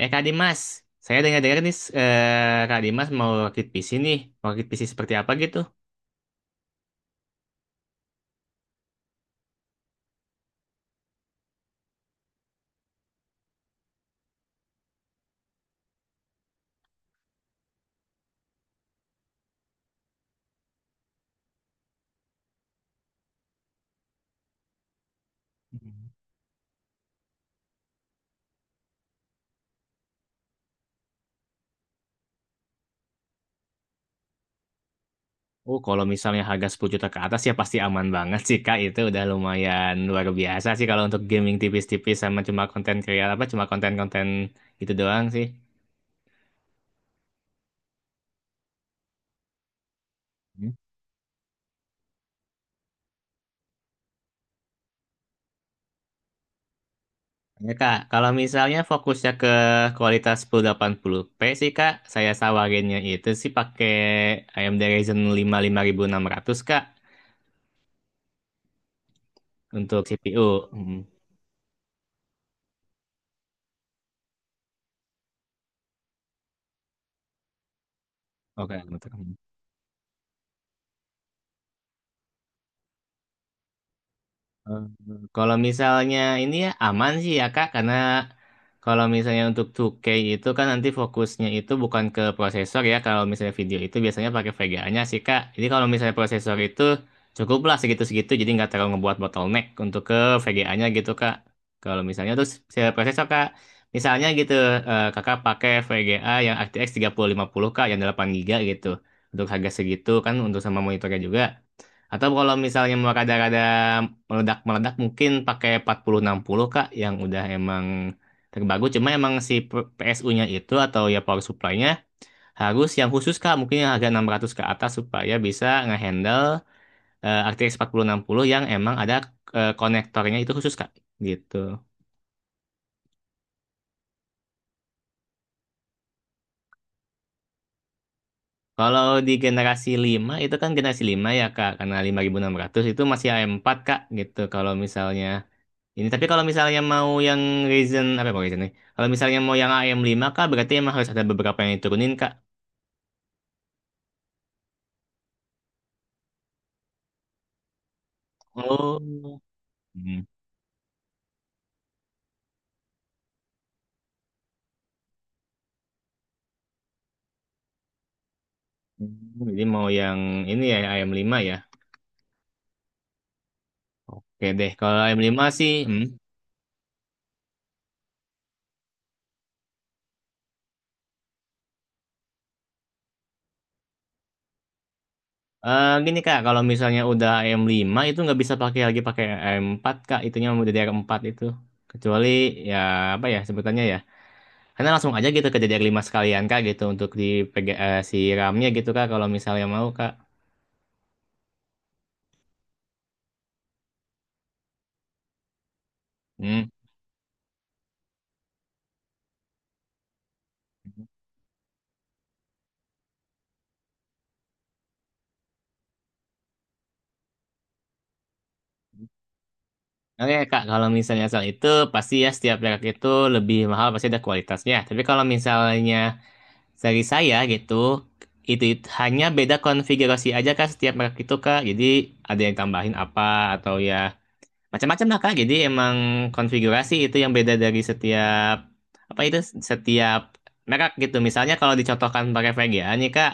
Eh Kak Dimas, saya dengar-dengar nih Kak Dimas mau rakit PC nih. Mau rakit PC seperti apa gitu? Mhm. Oh, kalau misalnya harga 10 juta ke atas ya pasti aman banget sih Kak. Itu udah lumayan luar biasa sih kalau untuk gaming tipis-tipis sama cuma konten kreatif apa cuma konten-konten itu doang sih. Mhm. Ya Kak, kalau misalnya fokusnya ke kualitas 1080p sih Kak, saya sawarinnya itu sih pakai AMD Ryzen lima 5600 Kak untuk CPU. Hmm. Oke, betul. Eh, Kalau misalnya ini ya aman sih ya Kak, karena kalau misalnya untuk 2K itu kan nanti fokusnya itu bukan ke prosesor ya, kalau misalnya video itu biasanya pakai VGA-nya sih Kak. Jadi kalau misalnya prosesor itu cukuplah segitu-segitu, jadi nggak terlalu ngebuat bottleneck untuk ke VGA-nya gitu Kak. Kalau misalnya terus misalnya prosesor Kak, misalnya gitu Kakak pakai VGA yang RTX 3050 Kak, yang 8 GB gitu, untuk harga segitu kan untuk sama monitornya juga. Atau kalau misalnya mau rada-rada meledak-meledak mungkin pakai 4060 Kak yang udah emang terbaru cuma emang si PSU-nya itu atau ya power supply-nya harus yang khusus Kak mungkin yang harga 600 ke atas supaya bisa ngehandle RTX 4060 yang emang ada konektornya itu khusus Kak gitu. Kalau di generasi 5 itu kan generasi 5 ya Kak karena 5600 itu masih A4 Kak gitu kalau misalnya ini tapi kalau misalnya mau yang Ryzen apa ya, Ryzen nih? Kalau misalnya mau yang am lima, Kak, berarti emang harus ada beberapa yang diturunin Kak. Oh. Hmm. Hmm, jadi mau yang ini ya am lima ya. Oke deh, kalau am lima sih hmm. Gini Kak, kalau misalnya udah am lima itu nggak bisa pakai lagi pakai am empat, Kak, itunya mau ddr empat itu. Kecuali ya apa ya sebutannya ya. Karena langsung aja gitu ke DDR5 sekalian Kak gitu untuk di PG, si RAM-nya gitu Kak kalau misalnya mau Kak. Hmm. Oke Kak, kalau misalnya soal itu pasti ya setiap merek itu lebih mahal pasti ada kualitasnya. Tapi kalau misalnya dari saya gitu, itu hanya beda konfigurasi aja Kak setiap merek itu Kak. Jadi ada yang tambahin apa atau ya macam-macam lah Kak. Jadi emang konfigurasi itu yang beda dari setiap apa itu setiap merek gitu. Misalnya kalau dicontohkan pakai VGA nih Kak,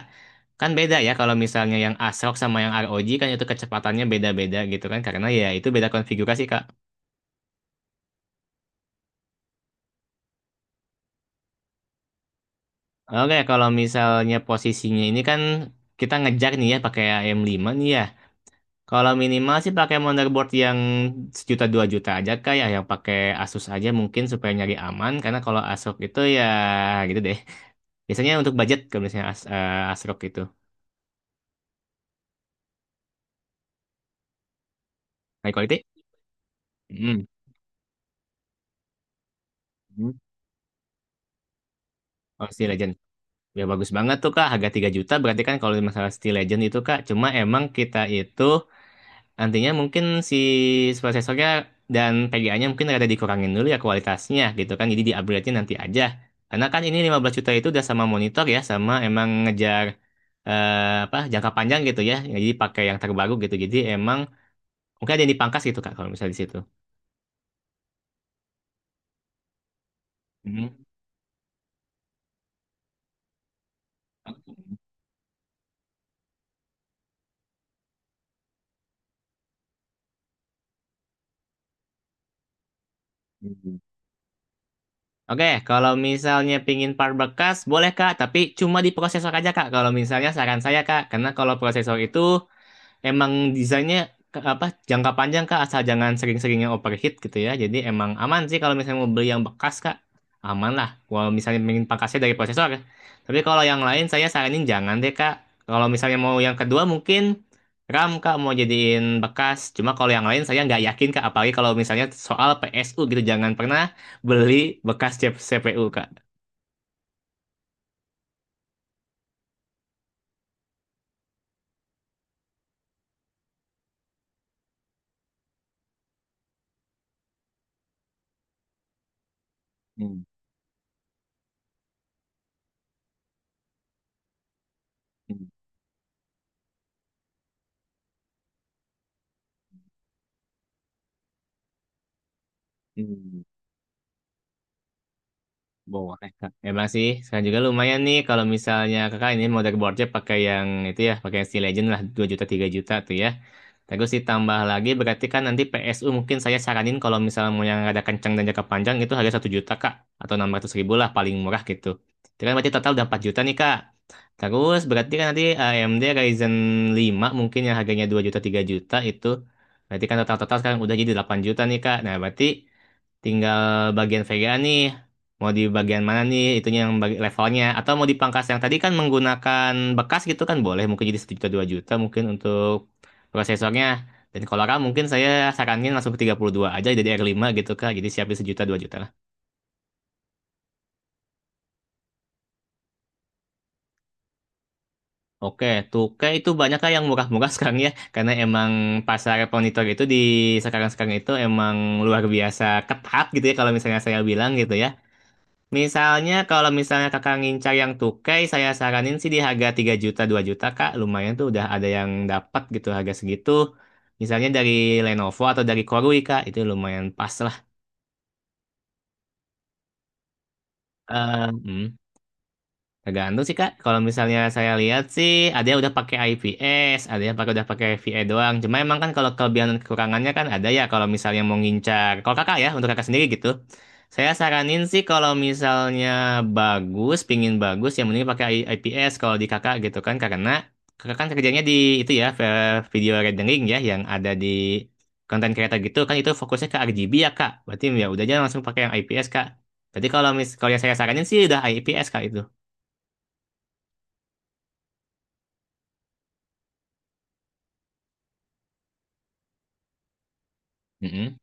kan beda ya kalau misalnya yang ASRock sama yang ROG kan itu kecepatannya beda-beda gitu kan karena ya itu beda konfigurasi Kak. Oke, kalau misalnya posisinya ini kan kita ngejar nih ya pakai am lima, nih ya. Kalau minimal sih pakai motherboard yang sejuta dua juta aja kayak yang pakai Asus aja mungkin supaya nyari aman karena kalau ASRock itu ya gitu deh. Biasanya untuk budget kalau misalnya ASRock itu. High quality? Hmm. Hmm. Oh, Steel Legend. Ya bagus banget tuh Kak, harga 3 juta berarti kan kalau masalah Steel Legend itu Kak, cuma emang kita itu nantinya mungkin si prosesornya dan PGA-nya mungkin ada dikurangin dulu ya kualitasnya gitu kan. Jadi di-upgrade-nya nanti aja. Karena kan ini 15 juta itu udah sama monitor ya, sama emang ngejar apa jangka panjang gitu ya. Jadi pakai yang terbaru gitu. Jadi emang mungkin ada yang dipangkas gitu Kak kalau misalnya di situ. Mhm. Mhm. Oke, kalau misalnya pingin part bekas, boleh Kak, tapi cuma di prosesor aja Kak. Kalau misalnya saran saya Kak, karena kalau prosesor itu emang desainnya apa jangka panjang kak asal jangan sering-sering yang overheat gitu ya jadi emang aman sih kalau misalnya mau beli yang bekas kak aman lah kalau misalnya pengen pakasnya dari prosesor tapi kalau yang lain saya saranin jangan deh kak kalau misalnya mau yang kedua mungkin RAM kak mau jadiin bekas cuma kalau yang lain saya nggak yakin kak apalagi kalau misalnya soal PSU gitu jangan pernah beli bekas CPU kak. Hmm, hmm, hmm. Boleh, Kak. Emang sih, sekarang juga lumayan nih kalau misalnya kakak ini mau dartboardnya pakai yang itu ya, pakai yang Steel Legend lah, 2 juta, 3 juta tuh ya. Terus ditambah lagi, berarti kan nanti PSU mungkin saya saranin kalau misalnya mau yang ada kencang dan jangka panjang itu harga 1 juta, Kak. Atau 600 ribu lah, paling murah gitu. Itu kan berarti total udah 4 juta nih, Kak. Terus berarti kan nanti AMD Ryzen lima mungkin yang harganya 2 juta, 3 juta itu. Berarti kan total-total sekarang udah jadi 8 juta nih, Kak. Nah, berarti tinggal bagian Vega nih mau di bagian mana nih itunya yang bagi levelnya atau mau dipangkas yang tadi kan menggunakan bekas gitu kan boleh mungkin jadi 1 juta 2 juta mungkin untuk prosesornya dan kalau RAM mungkin saya saranin langsung ke 32 aja jadi r lima gitu kak jadi siapin sejuta 2 juta lah. Oke tuh kayak itu banyak kak yang murah-murah sekarang ya karena emang pasar monitor itu di sekarang-sekarang itu emang luar biasa ketat gitu ya kalau misalnya saya bilang gitu ya. Misalnya kalau misalnya kakak ngincar yang tukai, saya saranin sih di harga 3 juta 2 juta kak, lumayan tuh udah ada yang dapat gitu harga segitu. Misalnya dari Lenovo atau dari Korui kak, itu lumayan pas lah. Hmm. Tergantung sih Kak. Kalau misalnya saya lihat sih ada yang udah pakai IPS, ada yang udah pakai VA doang. Cuma emang kan kalau kelebihan dan kekurangannya kan ada ya kalau misalnya mau ngincar. Kalau Kakak ya untuk Kakak sendiri gitu. Saya saranin sih kalau misalnya bagus, pingin bagus ya mending pakai IPS kalau di Kakak gitu kan karena Kakak kan kerjanya di itu ya video rendering ya yang ada di konten creator gitu kan itu fokusnya ke RGB ya Kak. Berarti ya udah aja langsung pakai yang IPS Kak. Jadi kalau yang saya saranin sih udah IPS Kak itu. Mm-mm.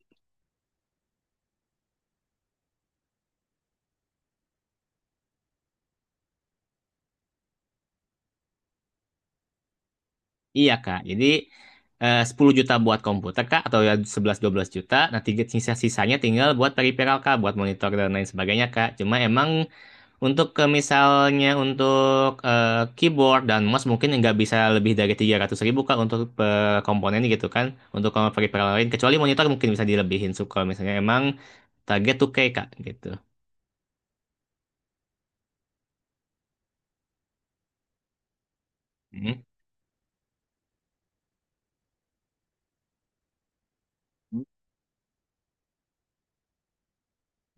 Iya Kak, jadi 10 juta buat komputer Kak, atau ya 11 12 juta, nah tiga sisa-sisanya tinggal buat peripheral Kak, buat monitor dan lain sebagainya Kak. Cuma emang untuk ke misalnya untuk keyboard dan mouse mungkin nggak bisa lebih dari 300 ribu Kak untuk komponennya gitu kan, untuk kalau peripheral lain, kecuali monitor mungkin bisa dilebihin suka. Kalau misalnya emang target 2K Kak gitu.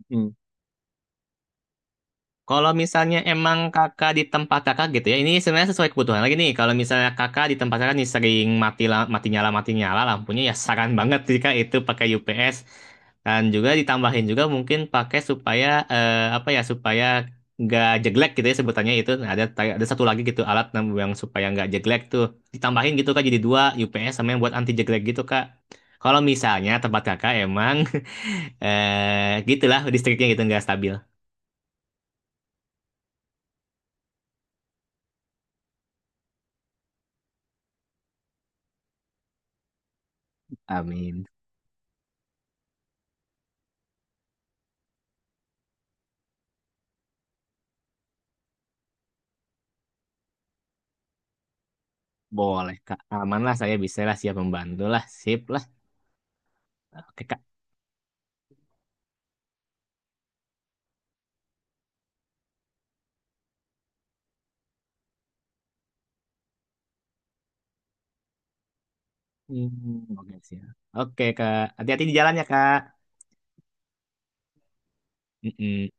mm Kalau misalnya emang kakak di tempat kakak gitu ya, ini sebenarnya sesuai kebutuhan lagi nih. Kalau misalnya kakak di tempat kakak nih sering mati nyala lampunya ya saran banget sih kak itu pakai UPS dan juga ditambahin juga mungkin pakai supaya apa ya supaya nggak jeglek gitu ya sebutannya itu. Nah, ada satu lagi gitu alat yang supaya nggak jeglek tuh ditambahin gitu kak jadi dua UPS sama yang buat anti jeglek gitu kak. Kalau misalnya tempat kakak emang gitulah listriknya gitu nggak stabil. Amin. Boleh, Kak. Aman lah, saya bisa lah, siap membantu lah. Sip lah. Oke, Kak. Hmm, oke, siap. Oke, Kak. Hati-hati di jalannya, Kak. Mm-mm.